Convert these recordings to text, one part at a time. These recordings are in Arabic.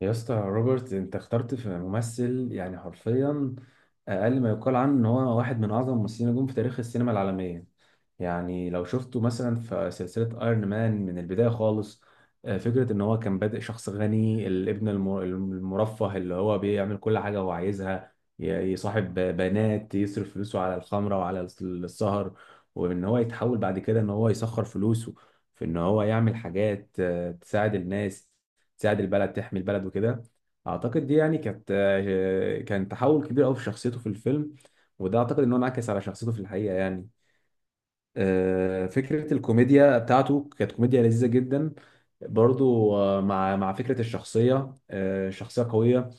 يا اسطى روبرت انت اخترت في ممثل، يعني حرفيا اقل ما يقال عنه ان هو واحد من اعظم الممثلين نجوم في تاريخ السينما العالميه. يعني لو شفته مثلا في سلسله ايرون مان من البدايه خالص، فكره ان هو كان بادئ شخص غني الابن المرفه اللي هو بيعمل كل حاجه هو عايزها. ي- يصاحب بنات يصرف فلوسه على الخمره وعلى السهر، وان هو يتحول بعد كده ان هو يسخر فلوسه في ان هو يعمل حاجات تساعد الناس، تساعد البلد، تحمي البلد وكده. اعتقد دي يعني كانت، كان تحول كبير قوي في شخصيته في الفيلم، وده اعتقد ان هو انعكس على شخصيته في الحقيقه يعني. فكره الكوميديا بتاعته كانت كوميديا لذيذه جدا، برضو، مع فكره الشخصيه، شخصيه قويه،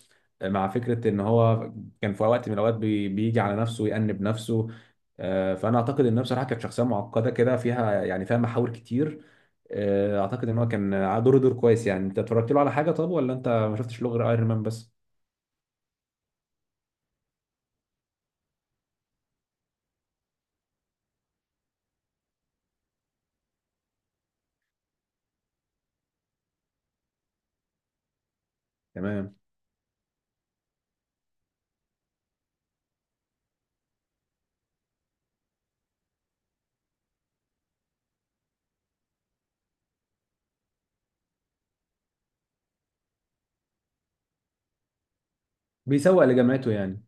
مع فكره ان هو كان في وقت من الاوقات بيجي على نفسه ويأنب نفسه. فانا اعتقد انها بصراحه كانت شخصيه معقده كده، فيها يعني فيها محاور كتير. اعتقد ان هو كان دوره دور كويس. يعني انت اتفرجت له على حاجه طب ولا انت ما شفتش له غير ايرون مان بس؟ تمام. بيسوق لجامعته يعني.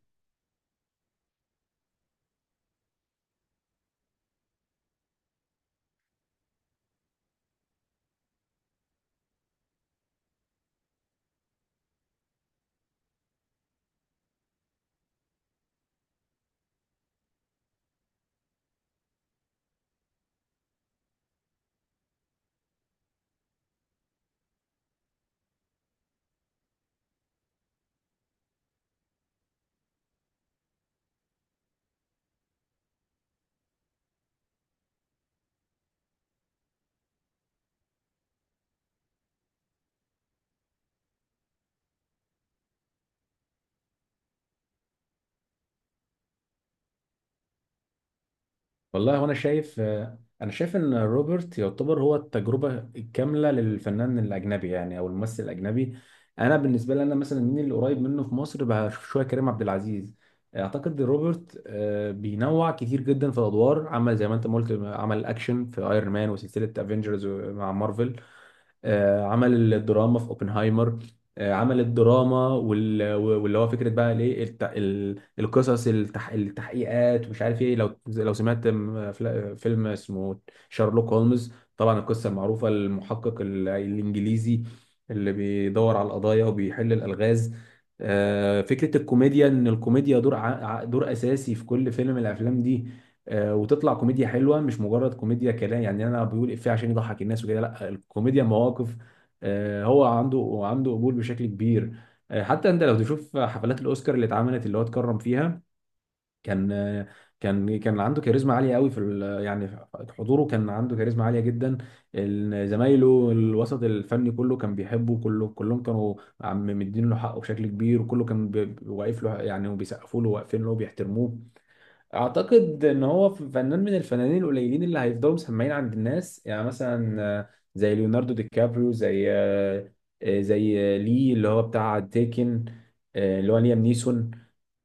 والله وانا شايف، انا شايف ان روبرت يعتبر هو التجربه الكامله للفنان الاجنبي، يعني او الممثل الاجنبي. انا بالنسبه لي انا مثلا مين اللي قريب منه في مصر؟ بشوف شويه كريم عبد العزيز. اعتقد روبرت، بينوع كتير جدا في الادوار، عمل زي ما انت ما قلت، عمل اكشن في ايرون مان وسلسله افنجرز مع مارفل، عمل الدراما في اوبنهايمر، عمل الدراما واللي هو فكره بقى القصص التحقيقات ومش عارف ايه. لو سمعت فيلم اسمه شارلوك هولمز، طبعا القصه المعروفه المحقق الانجليزي اللي بيدور على القضايا وبيحل الالغاز. فكره الكوميديا ان الكوميديا دور دور اساسي في كل فيلم من الافلام دي. وتطلع كوميديا حلوه، مش مجرد كوميديا كلام يعني انا بيقول افيه عشان يضحك الناس وكده، لا، الكوميديا مواقف. هو عنده قبول بشكل كبير. حتى انت لو تشوف حفلات الاوسكار اللي اتعملت اللي هو اتكرم فيها، كان، كان عنده كاريزما عاليه قوي يعني حضوره، كان عنده كاريزما عاليه جدا. زمايله الوسط الفني كله كان بيحبه، كله كلهم كانوا عم مدين له حقه بشكل كبير، وكله كان واقف له يعني وبيسقفوا له واقفين له وبيحترموه. اعتقد ان هو فنان من الفنانين القليلين اللي هيفضلوا مسمعين عند الناس. يعني مثلا، زي ليوناردو دي كابريو، زي، زي، لي اللي هو بتاع تيكن، اللي هو ليام نيسون.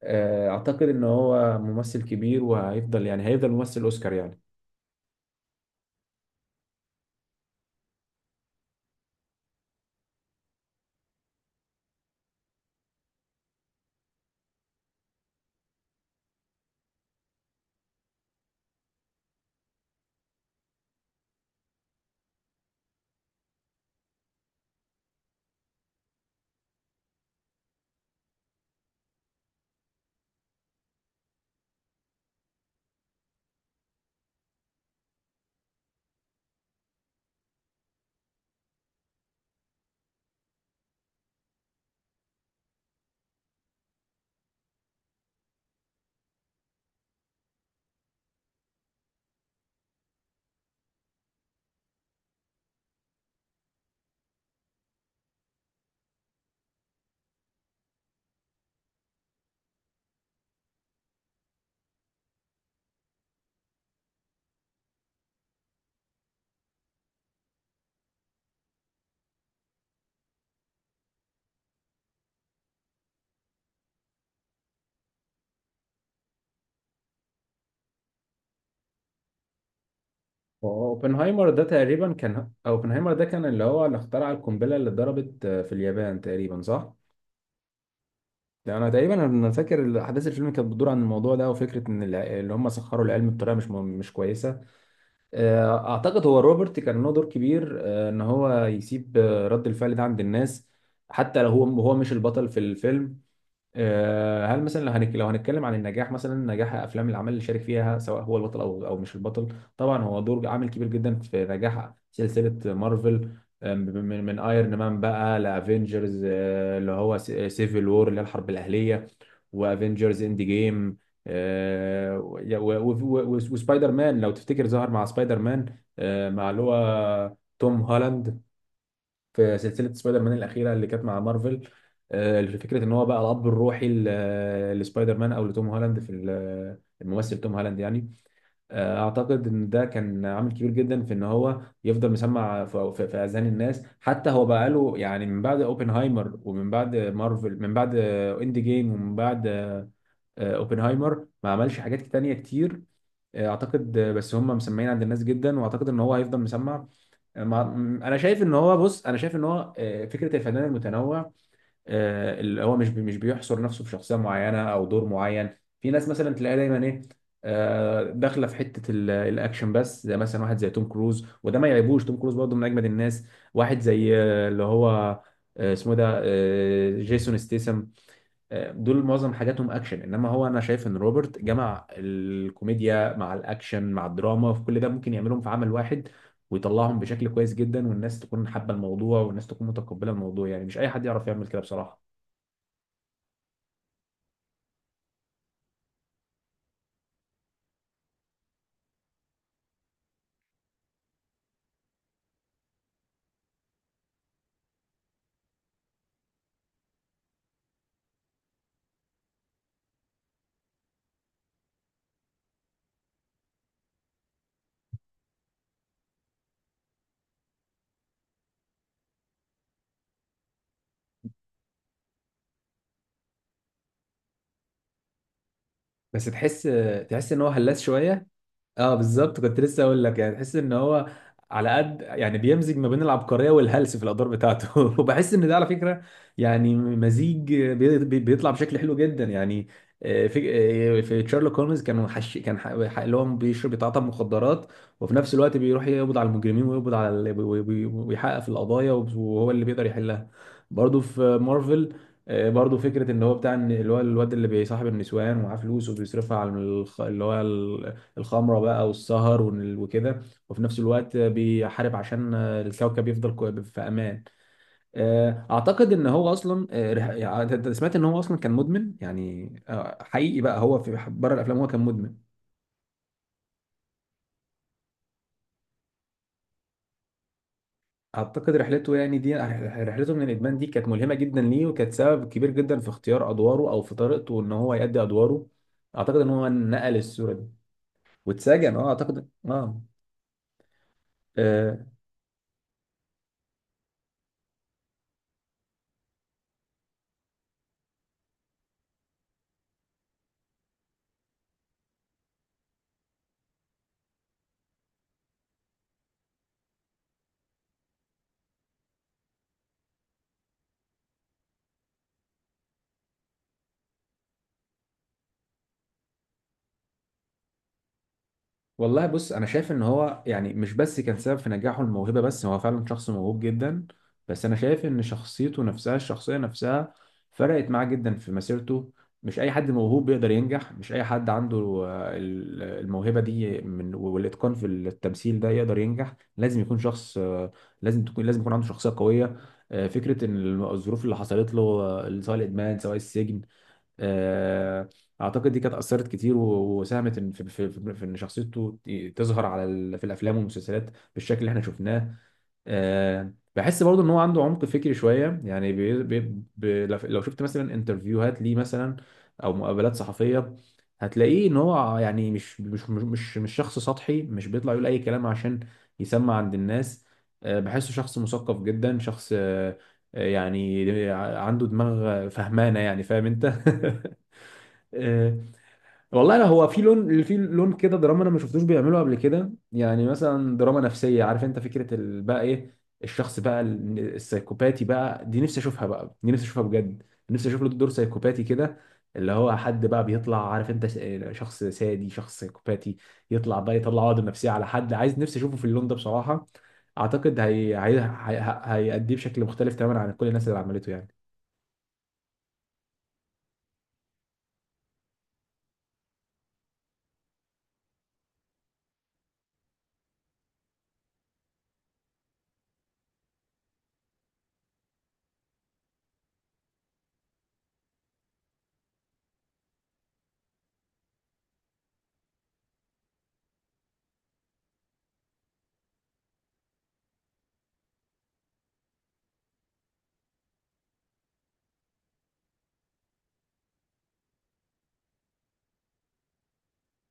اعتقد ان هو ممثل كبير وهيفضل، يعني هيفضل ممثل اوسكار يعني. اوبنهايمر ده تقريبا كان، اوبنهايمر ده كان اللي هو اللي اخترع القنبله اللي اتضربت، في اليابان تقريبا، صح؟ يعني انا تقريبا انا فاكر احداث الفيلم كانت بتدور عن الموضوع ده، وفكره ان اللي هم سخروا العلم بطريقه مش كويسه. اعتقد هو روبرت كان له دور كبير، ان هو يسيب، رد الفعل ده عند الناس، حتى لو هو مش البطل في الفيلم. هل مثلا لو هنك، لو هنتكلم عن النجاح، مثلا نجاح افلام العمل اللي شارك فيها سواء هو البطل او مش البطل، طبعا هو دور عامل كبير جدا في نجاح سلسله مارفل. من ايرون مان بقى لافنجرز، اللي هو سيفل وور اللي هي الحرب الاهليه، وافنجرز اند جيم، وسبايدر مان لو تفتكر، ظهر مع سبايدر مان، مع اللي هو توم هولاند، في سلسله سبايدر مان الاخيره اللي كانت مع مارفل. فكره ان هو بقى الاب الروحي لسبايدر مان او لتوم هولاند في الممثل توم هولاند يعني. اعتقد ان ده كان عامل كبير جدا في ان هو يفضل مسمع في اذهان الناس، حتى هو بقى له يعني من بعد اوبنهايمر ومن بعد مارفل من بعد اند جيم ومن بعد، اوبنهايمر ما عملش حاجات تانية كتير. اعتقد، بس هم مسمعين عند الناس جدا، واعتقد ان هو هيفضل مسمع. ما انا شايف ان هو، بص انا شايف ان هو، فكره الفنان المتنوع، اللي هو مش بيحصر نفسه في شخصيه معينه او دور معين. في ناس مثلا تلاقيها دايما ايه، داخله في حته الاكشن بس، زي مثلا واحد زي توم كروز، وده ما يعيبوش توم كروز برضه من اجمد الناس، واحد زي، اللي هو، اسمه إيه ده، جيسون ستيسم، دول معظم حاجاتهم اكشن. انما هو، انا شايف ان روبرت جمع الكوميديا مع الاكشن مع الدراما، في كل ده ممكن يعملهم في عمل واحد ويطلعهم بشكل كويس جدا، والناس تكون حابه الموضوع والناس تكون متقبله الموضوع. يعني مش اي حد يعرف يعمل كده بصراحه. بس تحس، ان هو هلاس شويه. اه بالظبط، كنت لسه اقول لك، يعني تحس ان هو على قد يعني بيمزج ما بين العبقريه والهلس في الادوار بتاعته وبحس ان ده على فكره يعني مزيج، بيطلع بشكل حلو جدا يعني. آه، في في شارلوك هولمز كان حش كان اللي هو بيشرب بيتعاطى مخدرات، وفي نفس الوقت بيروح يقبض على المجرمين ويقبض على ويحقق في القضايا وهو اللي بيقدر يحلها. برضه في مارفل، برضه فكره ان هو بتاع إن اللي هو الواد اللي بيصاحب النسوان ومعاه فلوس وبيصرفها على اللي هو الخمره بقى والسهر وكده، وفي نفس الوقت بيحارب عشان الكوكب يفضل في امان. اعتقد ان هو اصلا، يعني أنت سمعت ان هو اصلا كان مدمن، يعني حقيقي بقى، هو في بره الافلام هو كان مدمن. اعتقد رحلته، يعني دي رحلته من الادمان دي كانت ملهمه جدا ليه، وكانت سبب كبير جدا في اختيار ادواره او في طريقته ان هو يؤدي ادواره. اعتقد ان هو نقل الصوره دي. واتسجن، اه اعتقد اه. آه، والله بص انا شايف ان هو يعني مش بس كان سبب في نجاحه الموهبه بس هو فعلا شخص موهوب جدا بس انا شايف ان شخصيته نفسها الشخصيه نفسها فرقت معاه جدا في مسيرته مش اي حد موهوب بيقدر ينجح مش اي حد عنده آه، ال- الموهبه دي من والاتقان في التمثيل ده يقدر ينجح لازم يكون شخص آه، لازم تكون لازم يكون عنده شخصيه قويه آه، فكره ان الظروف اللي حصلت له آه، سواء الادمان سواء السجن آه، اعتقد دي كانت اثرت كتير و- وساهمت إن- في في في في ان شخصيته ت- تظهر على ال- في الافلام والمسلسلات بالشكل اللي احنا شفناه آه، بحس برضه ان هو عنده عمق فكري شويه يعني بي بي بي لو لو شفت مثلا انترفيوهات ليه مثلا او مقابلات صحفيه هتلاقيه ان هو يعني مش مش مش مش مش شخص سطحي مش بيطلع يقول اي كلام عشان يسمع عند الناس آه، بحسه شخص مثقف جدا شخص آه، يعني عنده دماغ فهمانه يعني فاهم انت آه، والله لا، هو في لون، في لون كده دراما انا ما شفتوش بيعمله قبل كده، يعني مثلا دراما نفسيه، عارف انت فكره ال- بقى ايه الشخص بقى السايكوباتي، بقى دي نفسي اشوفها، بقى دي نفسي اشوفها بجد، نفسي اشوف له دور سايكوباتي كده، اللي هو حد بقى بيطلع عارف انت شخص سادي شخص سايكوباتي، يطلع بقى يطلع عقده نفسيه على حد، عايز نفسي اشوفه في اللون ده بصراحه. اعتقد هيأديه بشكل مختلف تماما عن كل الناس اللي عملته يعني.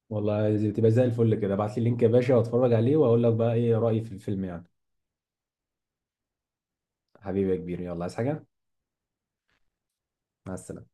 والله تبقى زي الفل كده، ابعت لي اللينك يا باشا واتفرج عليه واقول لك بقى ايه رأيي في الفيلم يعني. حبيبي يا كبير، يلا عايز حاجة؟ مع السلامة.